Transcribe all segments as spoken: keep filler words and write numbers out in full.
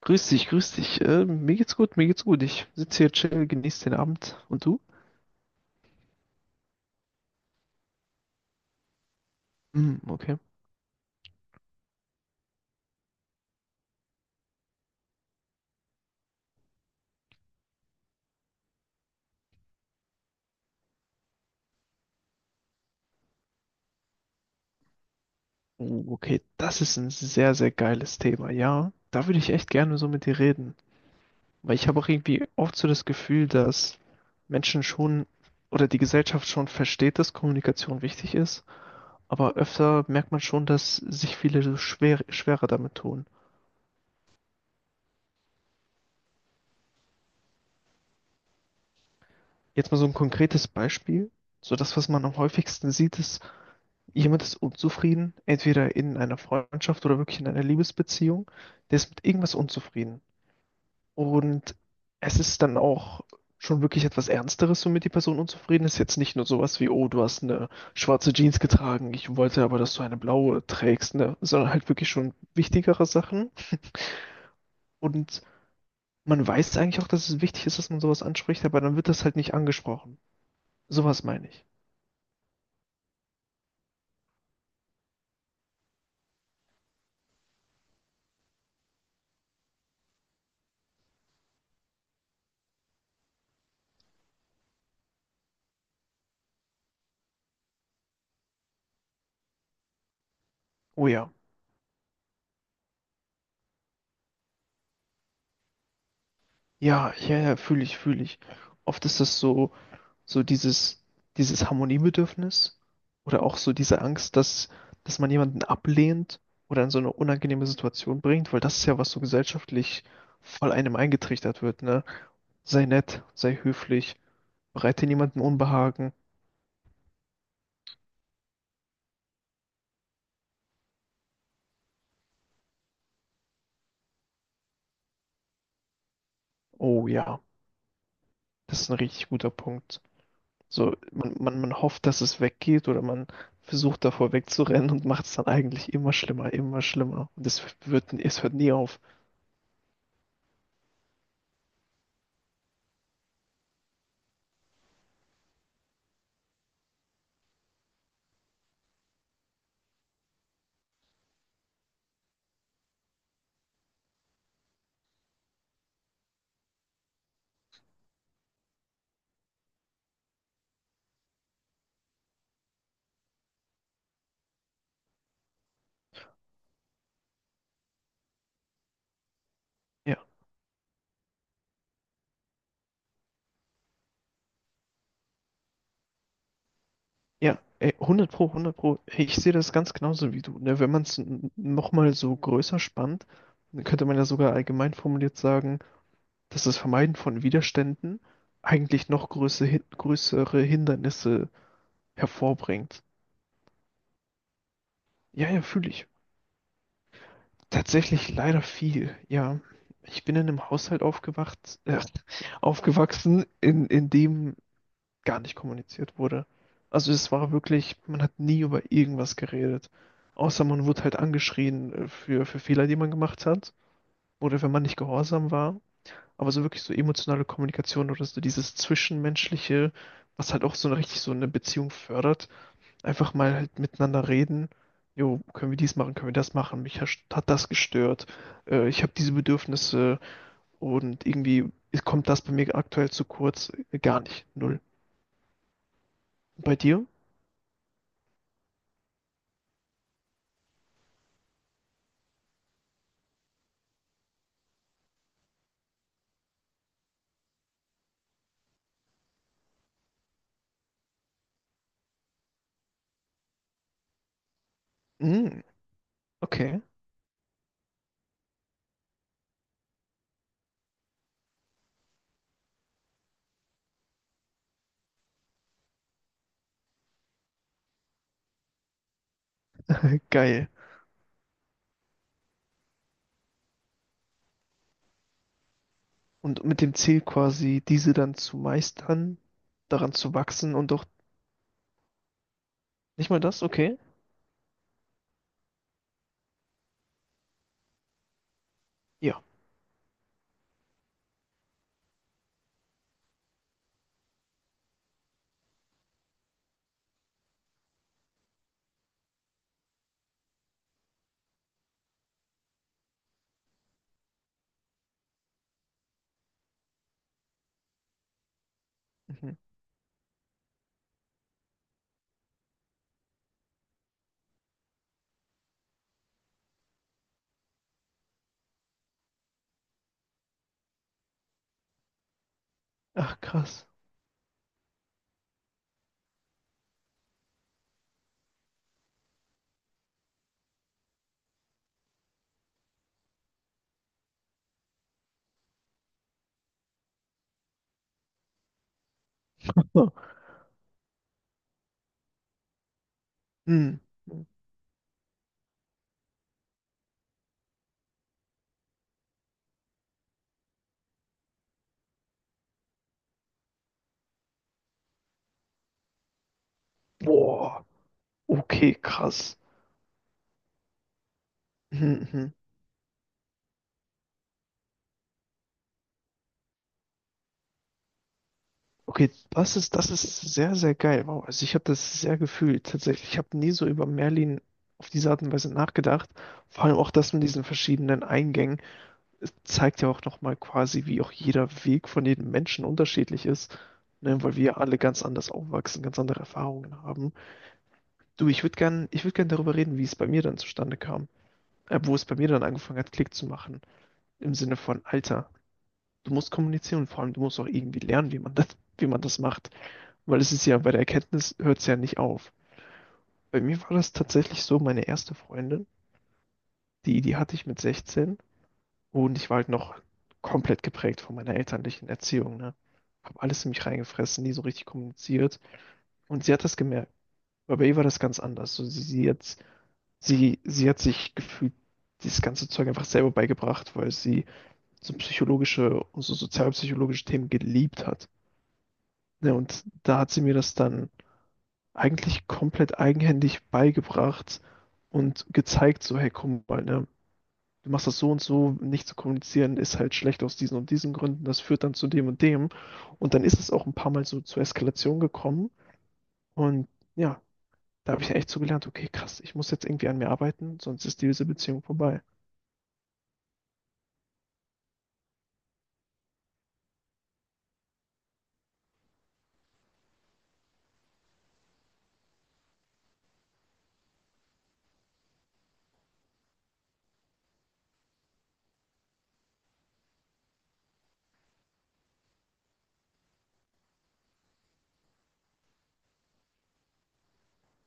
Grüß dich, grüß dich. Äh, mir geht's gut, mir geht's gut. Ich sitze hier chill, genieße den Abend. Und du? Hm, okay. Oh, okay, das ist ein sehr, sehr geiles Thema. Ja, da würde ich echt gerne so mit dir reden. Weil ich habe auch irgendwie oft so das Gefühl, dass Menschen schon oder die Gesellschaft schon versteht, dass Kommunikation wichtig ist. Aber öfter merkt man schon, dass sich viele so schwer, schwerer damit tun. Jetzt mal so ein konkretes Beispiel. So das, was man am häufigsten sieht, ist jemand ist unzufrieden, entweder in einer Freundschaft oder wirklich in einer Liebesbeziehung, der ist mit irgendwas unzufrieden. Und es ist dann auch schon wirklich etwas Ernsteres, womit die Person unzufrieden ist. Jetzt nicht nur sowas wie, oh, du hast eine schwarze Jeans getragen, ich wollte aber, dass du eine blaue trägst, ne? Sondern halt wirklich schon wichtigere Sachen. Und man weiß eigentlich auch, dass es wichtig ist, dass man sowas anspricht, aber dann wird das halt nicht angesprochen. Sowas meine ich. Oh ja. Ja, ja, ja, fühle ich, fühle ich. Oft ist das so. so dieses, dieses Harmoniebedürfnis oder auch so diese Angst, dass, dass man jemanden ablehnt oder in so eine unangenehme Situation bringt, weil das ist ja, was so gesellschaftlich voll einem eingetrichtert wird, ne? Sei nett, sei höflich, bereite niemanden Unbehagen. Oh ja, das ist ein richtig guter Punkt. So, man, man, man hofft, dass es weggeht oder man versucht davor wegzurennen und macht es dann eigentlich immer schlimmer, immer schlimmer. Und es wird, es hört nie auf. Ja. Ja, ey, 100 Pro, hundert Pro. Hey, ich sehe das ganz genauso wie du. Ne? Wenn man es nochmal so größer spannt, dann könnte man ja sogar allgemein formuliert sagen, dass das Vermeiden von Widerständen eigentlich noch größere, Hin- größere Hindernisse hervorbringt. Ja, ja, fühle ich. Tatsächlich leider viel. Ja, ich bin in einem Haushalt aufgewacht, äh, aufgewachsen, in, in dem gar nicht kommuniziert wurde. Also es war wirklich, man hat nie über irgendwas geredet. Außer man wurde halt angeschrien äh, für, für Fehler, die man gemacht hat oder wenn man nicht gehorsam war. Aber so wirklich so emotionale Kommunikation oder so dieses Zwischenmenschliche, was halt auch so eine, richtig so eine Beziehung fördert, einfach mal halt miteinander reden. Jo, können wir dies machen, können wir das machen? Mich hast- hat das gestört. Äh, ich habe diese Bedürfnisse und irgendwie kommt das bei mir aktuell zu kurz. Äh, Gar nicht. Null. Bei dir? Mm, okay, geil. Und mit dem Ziel quasi, diese dann zu meistern, daran zu wachsen und doch nicht mal das, okay? Ja. Mhm. Ach, krass. Ah, Hm. Boah. Okay, krass. Mhm. Mhm. Okay, das ist, das ist sehr, sehr geil. Wow, also ich habe das sehr gefühlt tatsächlich. Ich habe nie so über Merlin auf diese Art und Weise nachgedacht. Vor allem auch das mit diesen verschiedenen Eingängen. zeigt ja auch nochmal quasi, wie auch jeder Weg von jedem Menschen unterschiedlich ist, ne, weil wir alle ganz anders aufwachsen, ganz andere Erfahrungen haben. Du, ich würde gern, ich würde gern darüber reden, wie es bei mir dann zustande kam, äh, wo es bei mir dann angefangen hat, Klick zu machen, im Sinne von Alter. Du musst kommunizieren und vor allem du musst auch irgendwie lernen, wie man das, wie man das macht, weil es ist ja bei der Erkenntnis hört es ja nicht auf. Bei mir war das tatsächlich so, meine erste Freundin, die, die hatte ich mit sechzehn Und ich war halt noch komplett geprägt von meiner elterlichen Erziehung, ne? Hab alles in mich reingefressen, nie so richtig kommuniziert. Und sie hat das gemerkt. Aber bei ihr war das ganz anders. So, sie, sie hat, sie, sie hat sich gefühlt dieses ganze Zeug einfach selber beigebracht, weil sie so psychologische und so sozialpsychologische Themen geliebt hat. Ne? Und da hat sie mir das dann eigentlich komplett eigenhändig beigebracht und gezeigt, so, hey, komm mal, ne? du machst das so und so, nicht zu kommunizieren ist halt schlecht aus diesen und diesen Gründen, das führt dann zu dem und dem. Und dann ist es auch ein paar Mal so zur Eskalation gekommen. Und ja, da habe ich echt so gelernt, okay, krass, ich muss jetzt irgendwie an mir arbeiten, sonst ist diese Beziehung vorbei.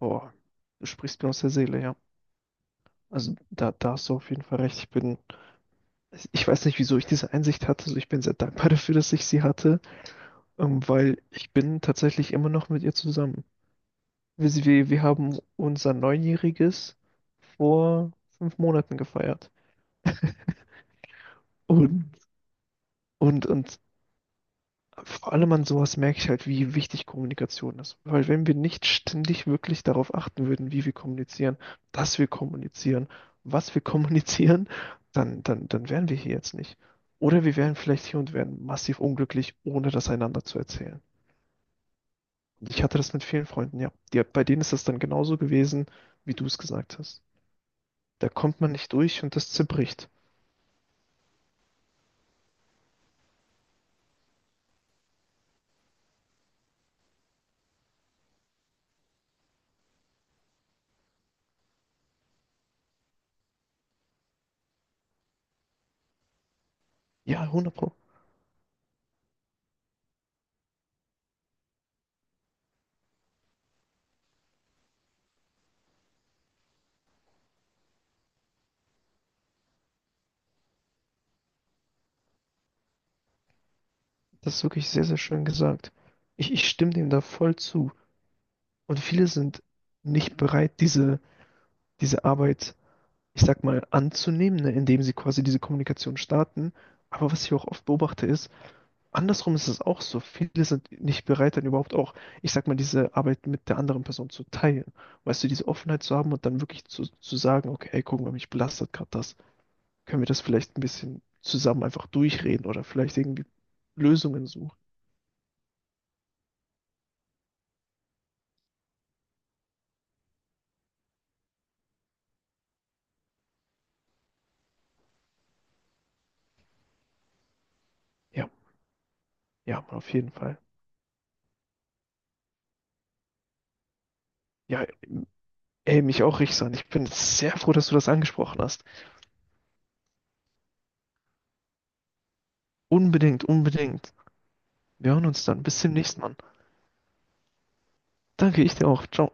Boah, du sprichst mir aus der Seele, ja. Also da, da hast du auf jeden Fall recht. Ich bin, ich weiß nicht, wieso ich diese Einsicht hatte. Also ich bin sehr dankbar dafür, dass ich sie hatte, ähm, weil ich bin tatsächlich immer noch mit ihr zusammen. Wir, sie- wir wir haben unser Neunjähriges vor fünf Monaten gefeiert. Und, und, und vor allem an sowas merke ich halt, wie wichtig Kommunikation ist. Weil wenn wir nicht ständig wirklich darauf achten würden, wie wir kommunizieren, dass wir kommunizieren, was wir kommunizieren, dann, dann, dann wären wir hier jetzt nicht. Oder wir wären vielleicht hier und wären massiv unglücklich, ohne das einander zu erzählen. Und Ich hatte das mit vielen Freunden, ja. Die, bei denen ist das dann genauso gewesen, wie du es gesagt hast. Da kommt man nicht durch und das zerbricht. Ja, 100 Pro. Das ist wirklich sehr, sehr schön gesagt. Ich, ich stimme dem da voll zu. Und viele sind nicht bereit, diese, diese Arbeit, ich sag mal, anzunehmen, ne, indem sie quasi diese Kommunikation starten. Aber was ich auch oft beobachte ist, andersrum ist es auch so. Viele sind nicht bereit, dann überhaupt auch, ich sag mal, diese Arbeit mit der anderen Person zu teilen. Weißt du, diese Offenheit zu haben und dann wirklich zu, zu sagen, okay, ey, guck mal, mich belastet gerade das. können wir das vielleicht ein bisschen zusammen einfach durchreden oder vielleicht irgendwie Lösungen suchen. Ja, ja, auf jeden Fall. Ja, ey, mich auch, Richsan. Ich bin sehr froh, dass du das angesprochen hast. Unbedingt, unbedingt. Wir hören uns dann. Bis zum nächsten Mal. Danke, ich dir auch. Ciao.